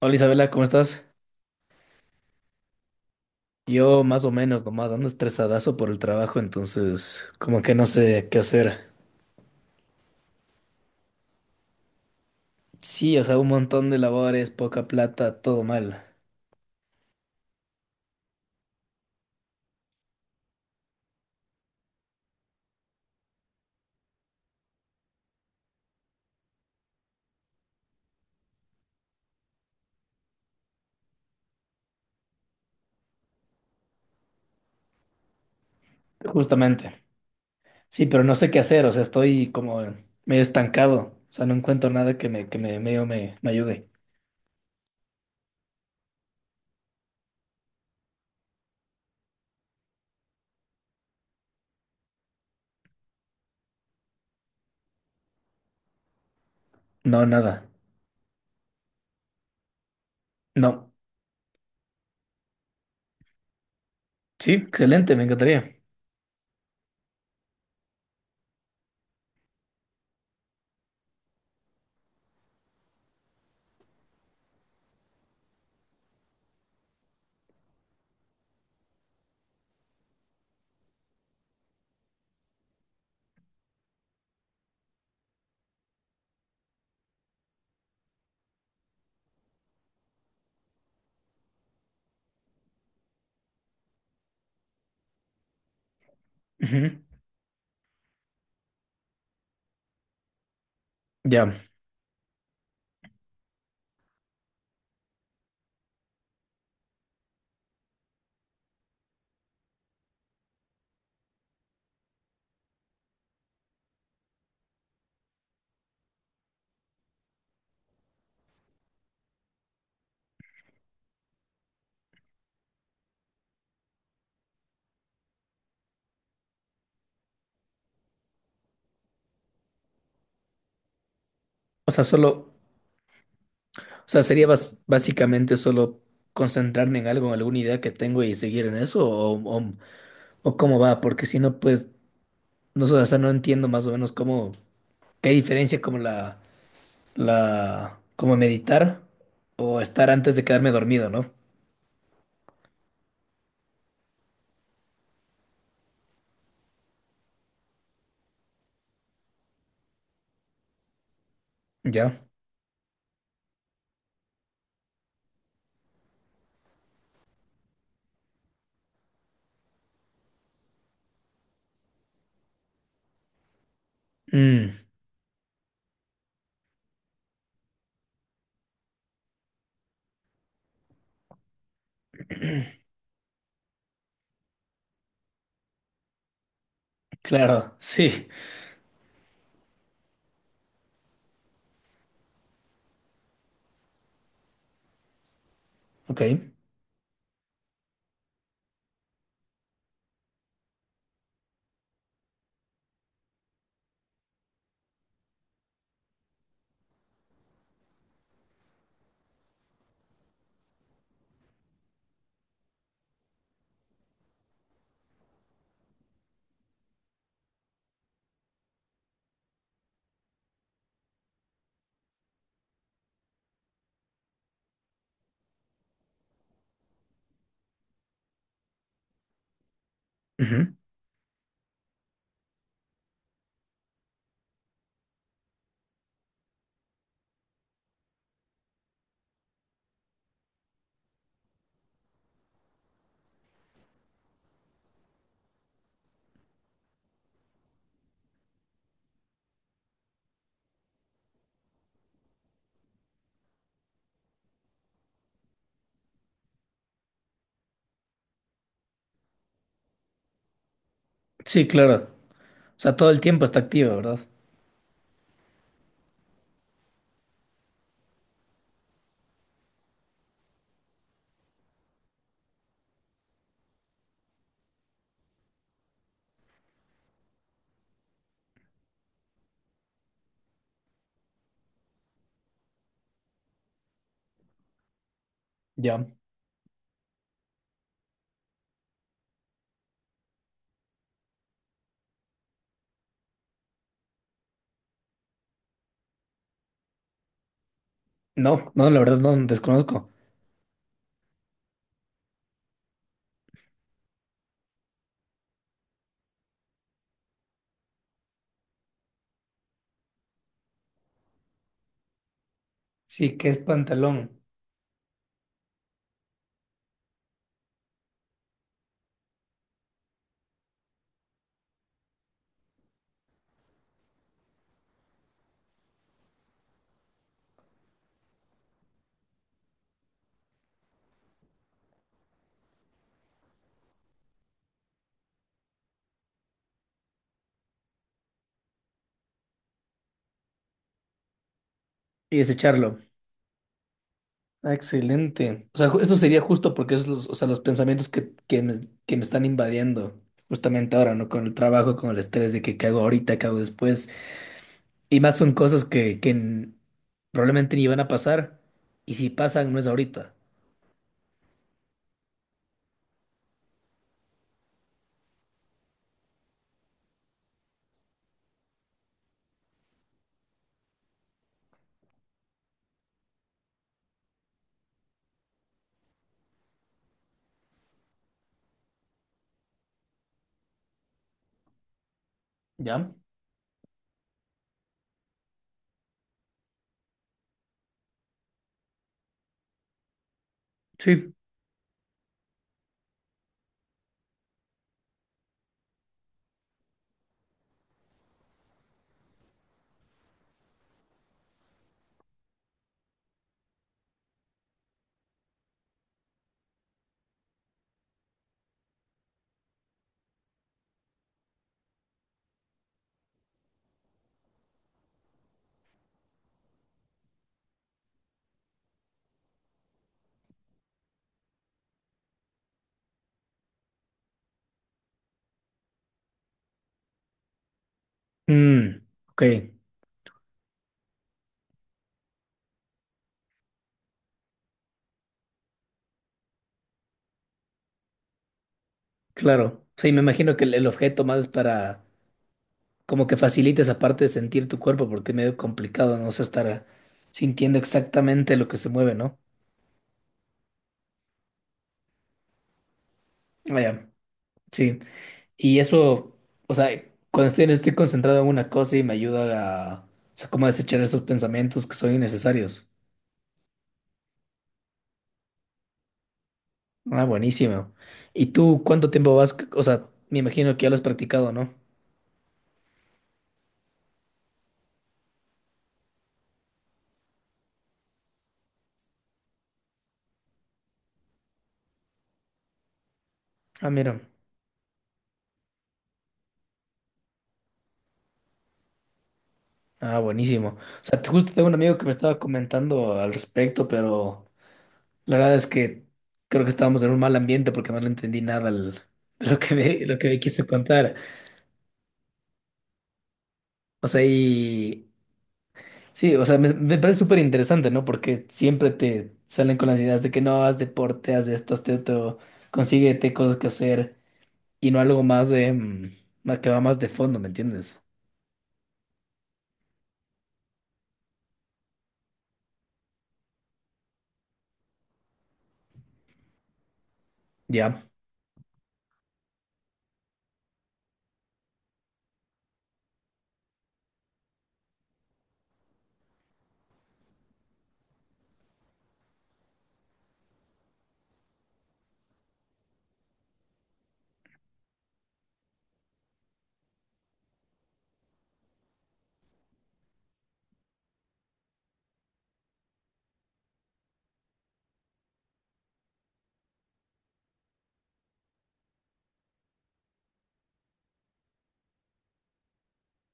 Hola Isabela, ¿cómo estás? Yo más o menos nomás ando estresadazo por el trabajo, entonces como que no sé qué hacer. Sí, o sea, un montón de labores, poca plata, todo mal. Justamente. Sí, pero no sé qué hacer, o sea, estoy como medio estancado, o sea, no encuentro nada que me medio me ayude. No, nada. No. Sí, excelente, me encantaría. Ujú. Ya. O sea, solo, o sea, sería básicamente solo concentrarme en algo, en alguna idea que tengo y seguir en eso, o cómo va, porque si no, pues, no, sé, o sea, no entiendo más o menos cómo, qué diferencia como como meditar o estar antes de quedarme dormido, ¿no? Ya. Mm, claro, sí, ok. Ujú. Sí, claro. O sea, todo el tiempo está activa, ¿verdad? Ya. No, no, la verdad no, desconozco. Sí, que es pantalón. Y desecharlo. Ah, excelente. O sea, esto sería justo porque es los, o sea, los pensamientos que me están invadiendo justamente ahora, ¿no? Con el trabajo, con el estrés de que qué hago ahorita, qué hago después. Y más son cosas que probablemente ni van a pasar. Y si pasan, no es ahorita. ¿Ya? Sí, Mm, ok, claro. Sí, me imagino que el objeto más es para como que facilite esa parte de sentir tu cuerpo porque es medio complicado, ¿no? O sea, estar sintiendo exactamente lo que se mueve, ¿no? Vaya, sí. Y eso, o sea, cuando estoy, estoy concentrado en una cosa y me ayuda a, o sea, como a desechar esos pensamientos que son innecesarios. Ah, buenísimo. ¿Y tú cuánto tiempo vas? O sea, me imagino que ya lo has practicado, ¿no? Ah, mira. Ah, buenísimo. O sea, justo tengo un amigo que me estaba comentando al respecto, pero la verdad es que creo que estábamos en un mal ambiente porque no le entendí nada de lo que me quiso contar. O sea, y sí, o sea, me parece súper interesante, ¿no? Porque siempre te salen con las ideas de que no, haz deporte, haz de esto, haz de otro, consíguete cosas que hacer y no algo más de, más que va más de fondo, ¿me entiendes? Ya.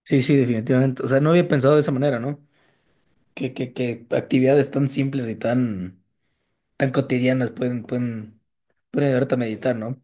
Sí, sí, definitivamente. O sea, no había pensado de esa manera, ¿no? Que actividades tan simples y tan, tan cotidianas pueden ayudarte a meditar, ¿no?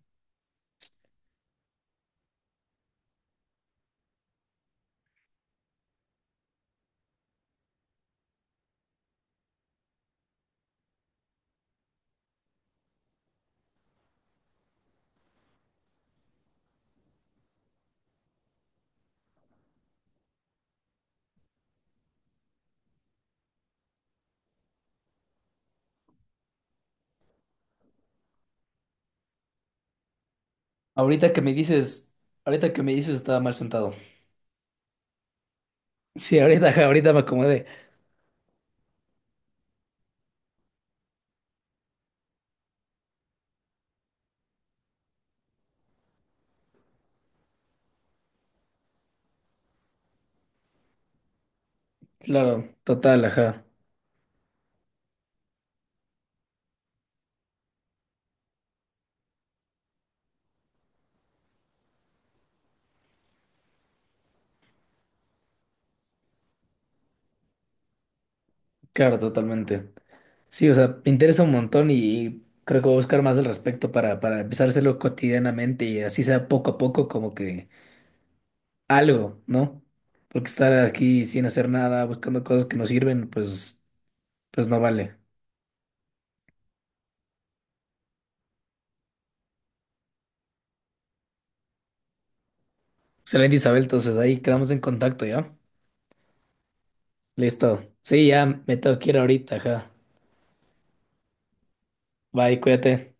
Ahorita que me dices, ahorita que me dices estaba mal sentado. Sí, ahorita, ajá, ahorita me acomodé. Claro, total, ajá. Claro, totalmente. Sí, o sea, me interesa un montón y creo que voy a buscar más al respecto para empezar a hacerlo cotidianamente y así sea poco a poco como que algo, ¿no? Porque estar aquí sin hacer nada, buscando cosas que no sirven, pues, pues no vale. Excelente, Isabel, entonces ahí quedamos en contacto, ¿ya? Listo. Sí, ya me tengo que ir ahorita, ajá. Bye, cuídate.